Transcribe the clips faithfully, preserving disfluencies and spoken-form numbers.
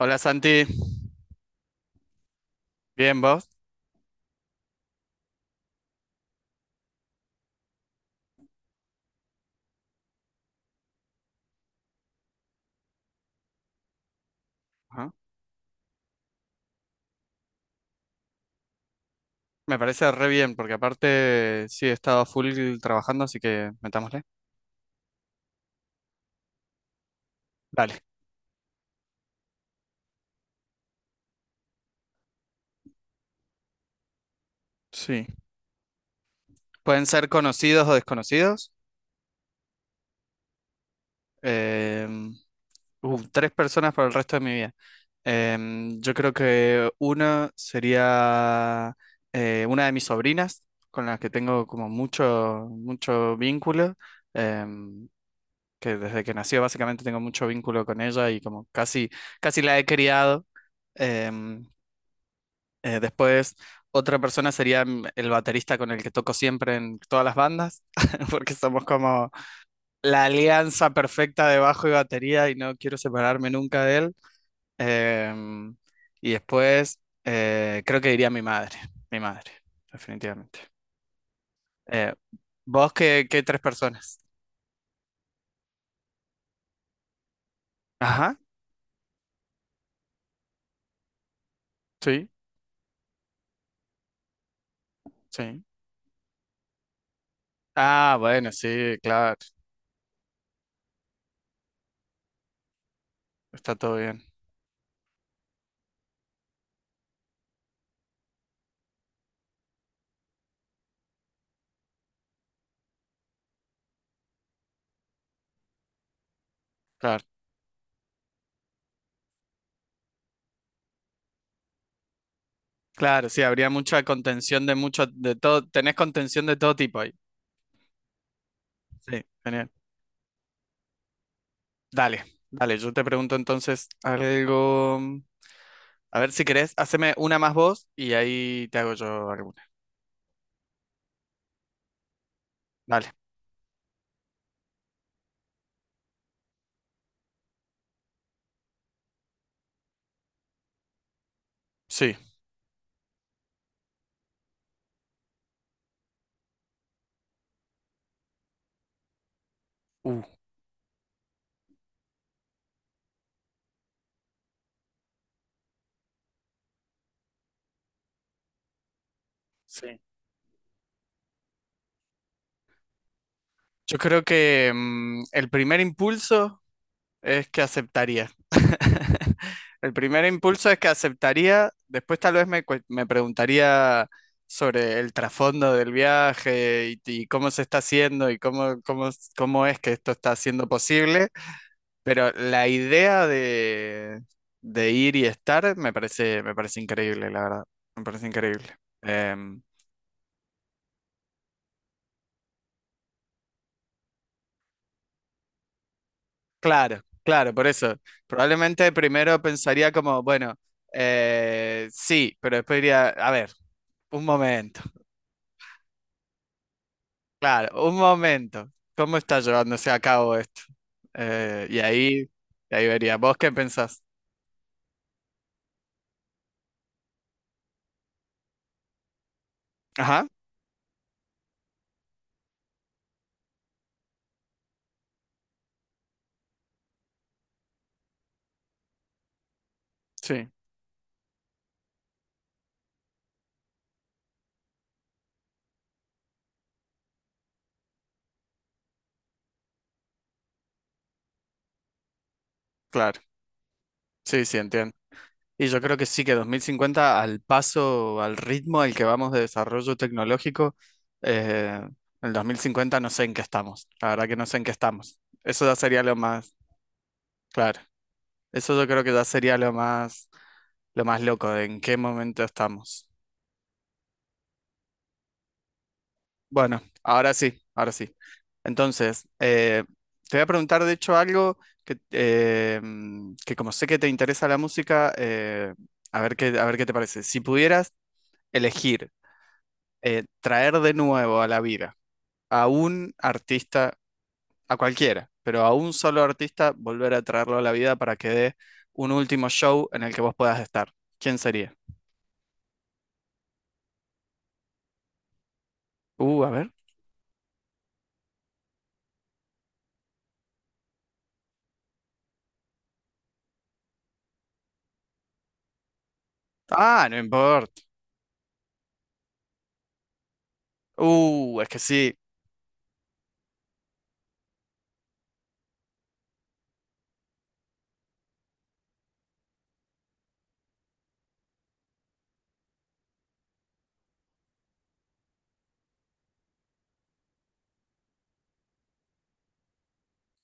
Hola Santi, bien vos. Ajá. Me parece re bien porque aparte sí he estado full trabajando, así que metámosle. Dale. Sí. Pueden ser conocidos o desconocidos. Em, uh, Tres personas para el resto de mi vida. Em, yo creo que uno sería eh, una de mis sobrinas, con las que tengo como mucho, mucho vínculo. em, que desde que nació básicamente tengo mucho vínculo con ella y como casi, casi la he criado. Em, Eh, después, otra persona sería mm, el baterista con el que toco siempre en todas las bandas, porque somos como la alianza perfecta de bajo y batería y no quiero separarme nunca de él. Em, y después, eh, creo que diría mi madre, mi madre, definitivamente. Eh, ¿Vos qué, qué tres personas? Ajá, sí, sí. Ah, bueno, sí, claro, está todo bien, claro. Claro, sí, habría mucha contención de mucho, de todo, tenés contención de todo tipo ahí. Sí, genial. Dale, dale, yo te pregunto entonces algo. A ver si querés, haceme una más vos y ahí te hago yo alguna. Dale, sí. Uh, sí. Yo creo que mm, el primer impulso es que aceptaría. El primer impulso es que aceptaría, después tal vez me, cue- me preguntaría sobre el trasfondo del viaje y, y cómo se está haciendo y cómo, cómo, cómo es que esto está siendo posible. Pero la idea de, de ir y estar me parece, me parece increíble, la verdad. Me parece increíble. Em, claro, claro, por eso. Probablemente primero pensaría como, bueno, eh, sí, pero después diría, a ver, un momento, claro, un momento. ¿Cómo está llevándose a cabo esto? Eh, y ahí, y ahí vería, ¿vos qué pensás? Ajá, sí, claro. Sí, sí, entiendo. Y yo creo que sí, que dos mil cincuenta, al paso, al ritmo al que vamos de desarrollo tecnológico, eh, el dos mil cincuenta no sé en qué estamos. La verdad que no sé en qué estamos. Eso ya sería lo más, claro. Eso yo creo que ya sería lo más, lo más loco de en qué momento estamos. Bueno, ahora sí, ahora sí. Entonces, eh, te voy a preguntar de hecho algo que, eh, mm, que como sé que te interesa la música, eh, a ver qué, a ver qué te parece. Si pudieras elegir eh, traer de nuevo a la vida a un artista, a cualquiera, pero a un solo artista, volver a traerlo a la vida para que dé un último show en el que vos puedas estar. ¿Quién sería? Uh, a ver. Ah, no importa. Uh, es que sí,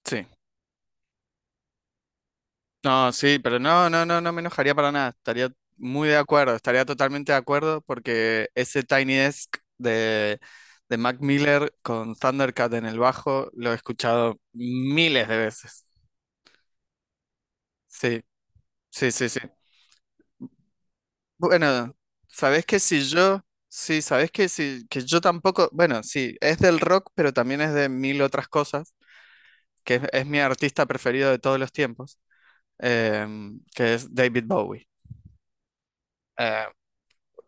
sí. No, sí, pero no, no, no, no me enojaría para nada. Estaría muy de acuerdo, estaría totalmente de acuerdo porque ese Tiny Desk de, de Mac Miller con Thundercat en el bajo lo he escuchado miles de veces. Sí, sí, sí, sí. Bueno, sabes que si yo, sí, sabes que si, que yo tampoco, bueno, sí, es del rock, pero también es de mil otras cosas, que es, es mi artista preferido de todos los tiempos, em, que es David Bowie. Eh,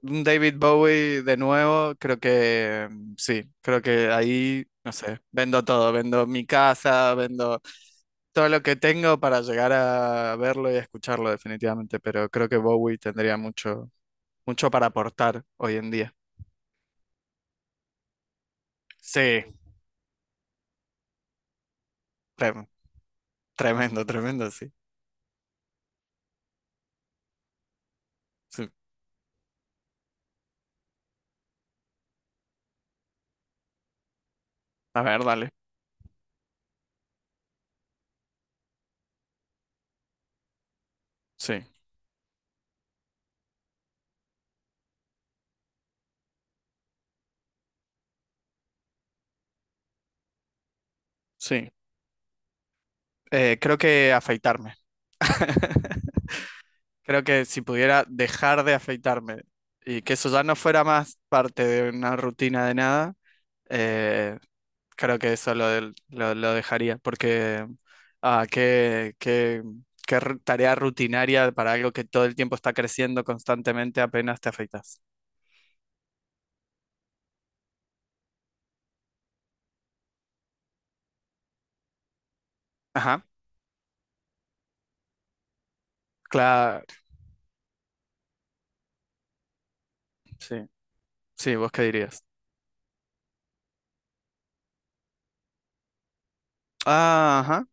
un David Bowie de nuevo, creo que em, sí, creo que ahí, no sé, vendo todo, vendo mi casa, vendo todo lo que tengo para llegar a verlo y a escucharlo definitivamente, pero creo que Bowie tendría mucho, mucho para aportar hoy en día. Sí, re- tremendo, tremendo, sí. Sí. A ver, dale. Sí, sí. Eh, creo que afeitarme. Creo que si pudiera dejar de afeitarme y que eso ya no fuera más parte de una rutina de nada, eh, creo que eso lo, del- lo- lo dejaría, porque ah, qué, qué- qué r- tarea rutinaria para algo que todo el tiempo está creciendo constantemente apenas te afeitas. Ajá, claro, sí, sí, ¿vos qué dirías? Ah, ajá,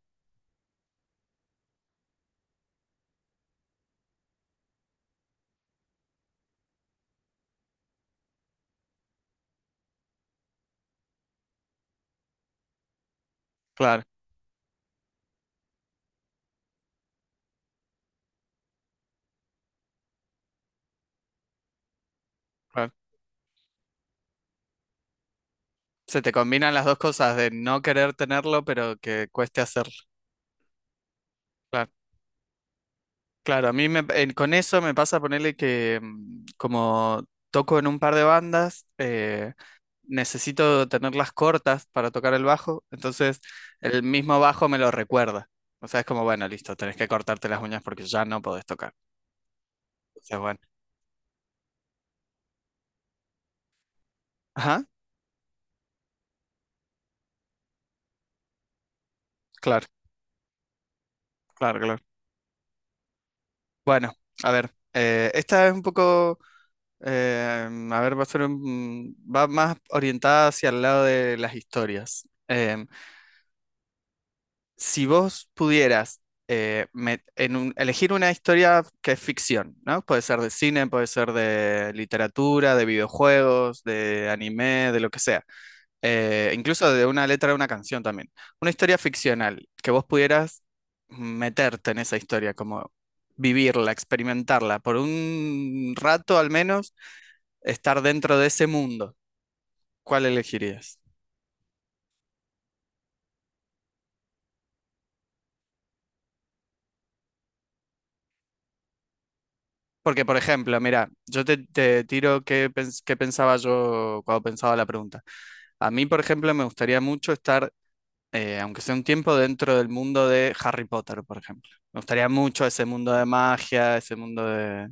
claro. Claro. Se te combinan las dos cosas de no querer tenerlo, pero que cueste hacerlo. Claro, claro, a mí me- en- con eso me pasa ponerle que mm, como toco en un par de bandas, eh, necesito tenerlas cortas para tocar el bajo, entonces el mismo bajo me lo recuerda. O sea, es como, bueno, listo, tenés que cortarte las uñas porque ya no podés tocar. Entonces, bueno. Ajá, claro, claro, claro. Bueno, a ver, eh, esta es un poco. Eh, a ver, va a ser un- va más orientada hacia el lado de las historias. Em, si vos pudieras eh, me- en un- elegir una historia que es ficción, ¿no? Puede ser de cine, puede ser de literatura, de videojuegos, de anime, de lo que sea. Eh, incluso de una letra de una canción también. Una historia ficcional, que vos pudieras meterte en esa historia, como vivirla, experimentarla, por un rato al menos, estar dentro de ese mundo. ¿Cuál elegirías? Porque, por ejemplo, mira, yo te, te tiro qué, pens- qué pensaba yo cuando pensaba la pregunta. A mí, por ejemplo, me gustaría mucho estar, eh, aunque sea un tiempo, dentro del mundo de Harry Potter, por ejemplo. Me gustaría mucho ese mundo de magia, ese mundo de,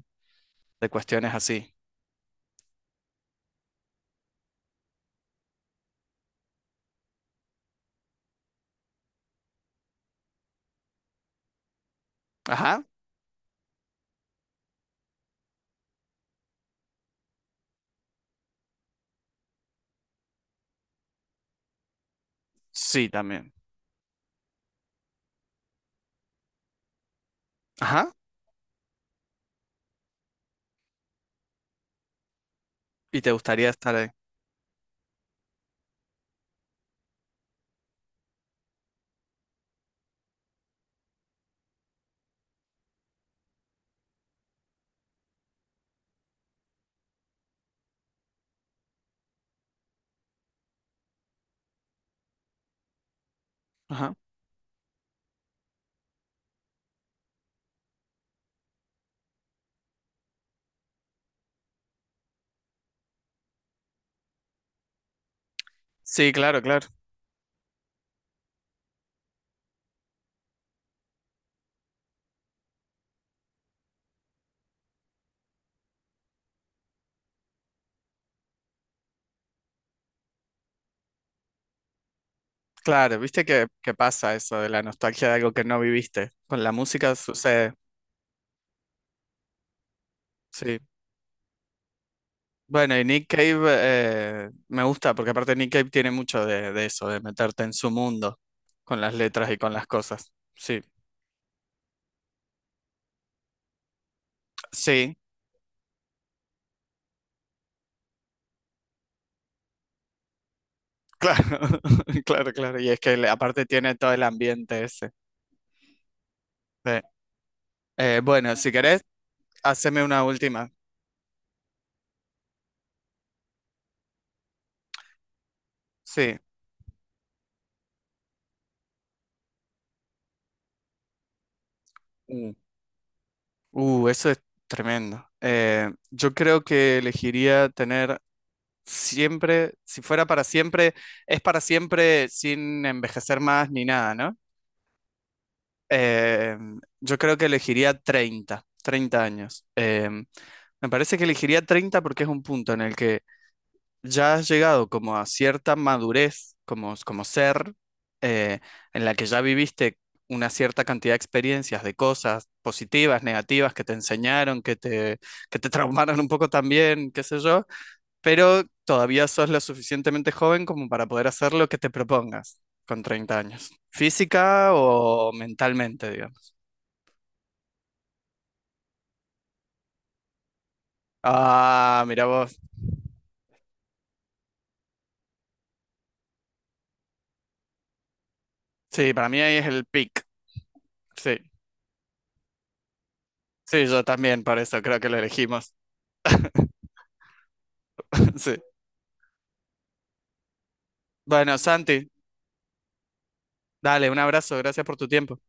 de cuestiones así. Ajá, sí, también. Ajá, y te gustaría estar ahí. Ajá. Sí, claro, claro. Claro, viste que, que pasa eso de la nostalgia de algo que no viviste. Con la música sucede. Sí. Bueno, y Nick Cave eh, me gusta porque aparte Nick Cave tiene mucho de, de eso, de meterte en su mundo con las letras y con las cosas. Sí, sí, claro, claro, claro. Y es que le- aparte tiene todo el ambiente ese. Sí. Eh, bueno, si querés, haceme una última. Sí. Mm. Uh, eso es tremendo. Eh, yo creo que elegiría tener siempre, si fuera para siempre, es para siempre sin envejecer más ni nada, ¿no? Eh, yo creo que elegiría treinta, treinta años. Eh, me parece que elegiría treinta porque es un punto en el que ya has llegado como a cierta madurez como, como ser, eh, en la que ya viviste una cierta cantidad de experiencias, de cosas positivas, negativas, que te enseñaron, que te, que te traumaron un poco también, qué sé yo, pero todavía sos lo suficientemente joven como para poder hacer lo que te propongas con treinta años, física o mentalmente. Ah, mira vos. Sí, para mí ahí es el pick. Sí, sí, yo también, por eso creo que lo elegimos. Sí. Bueno, Santi, dale, un abrazo, gracias por tu tiempo.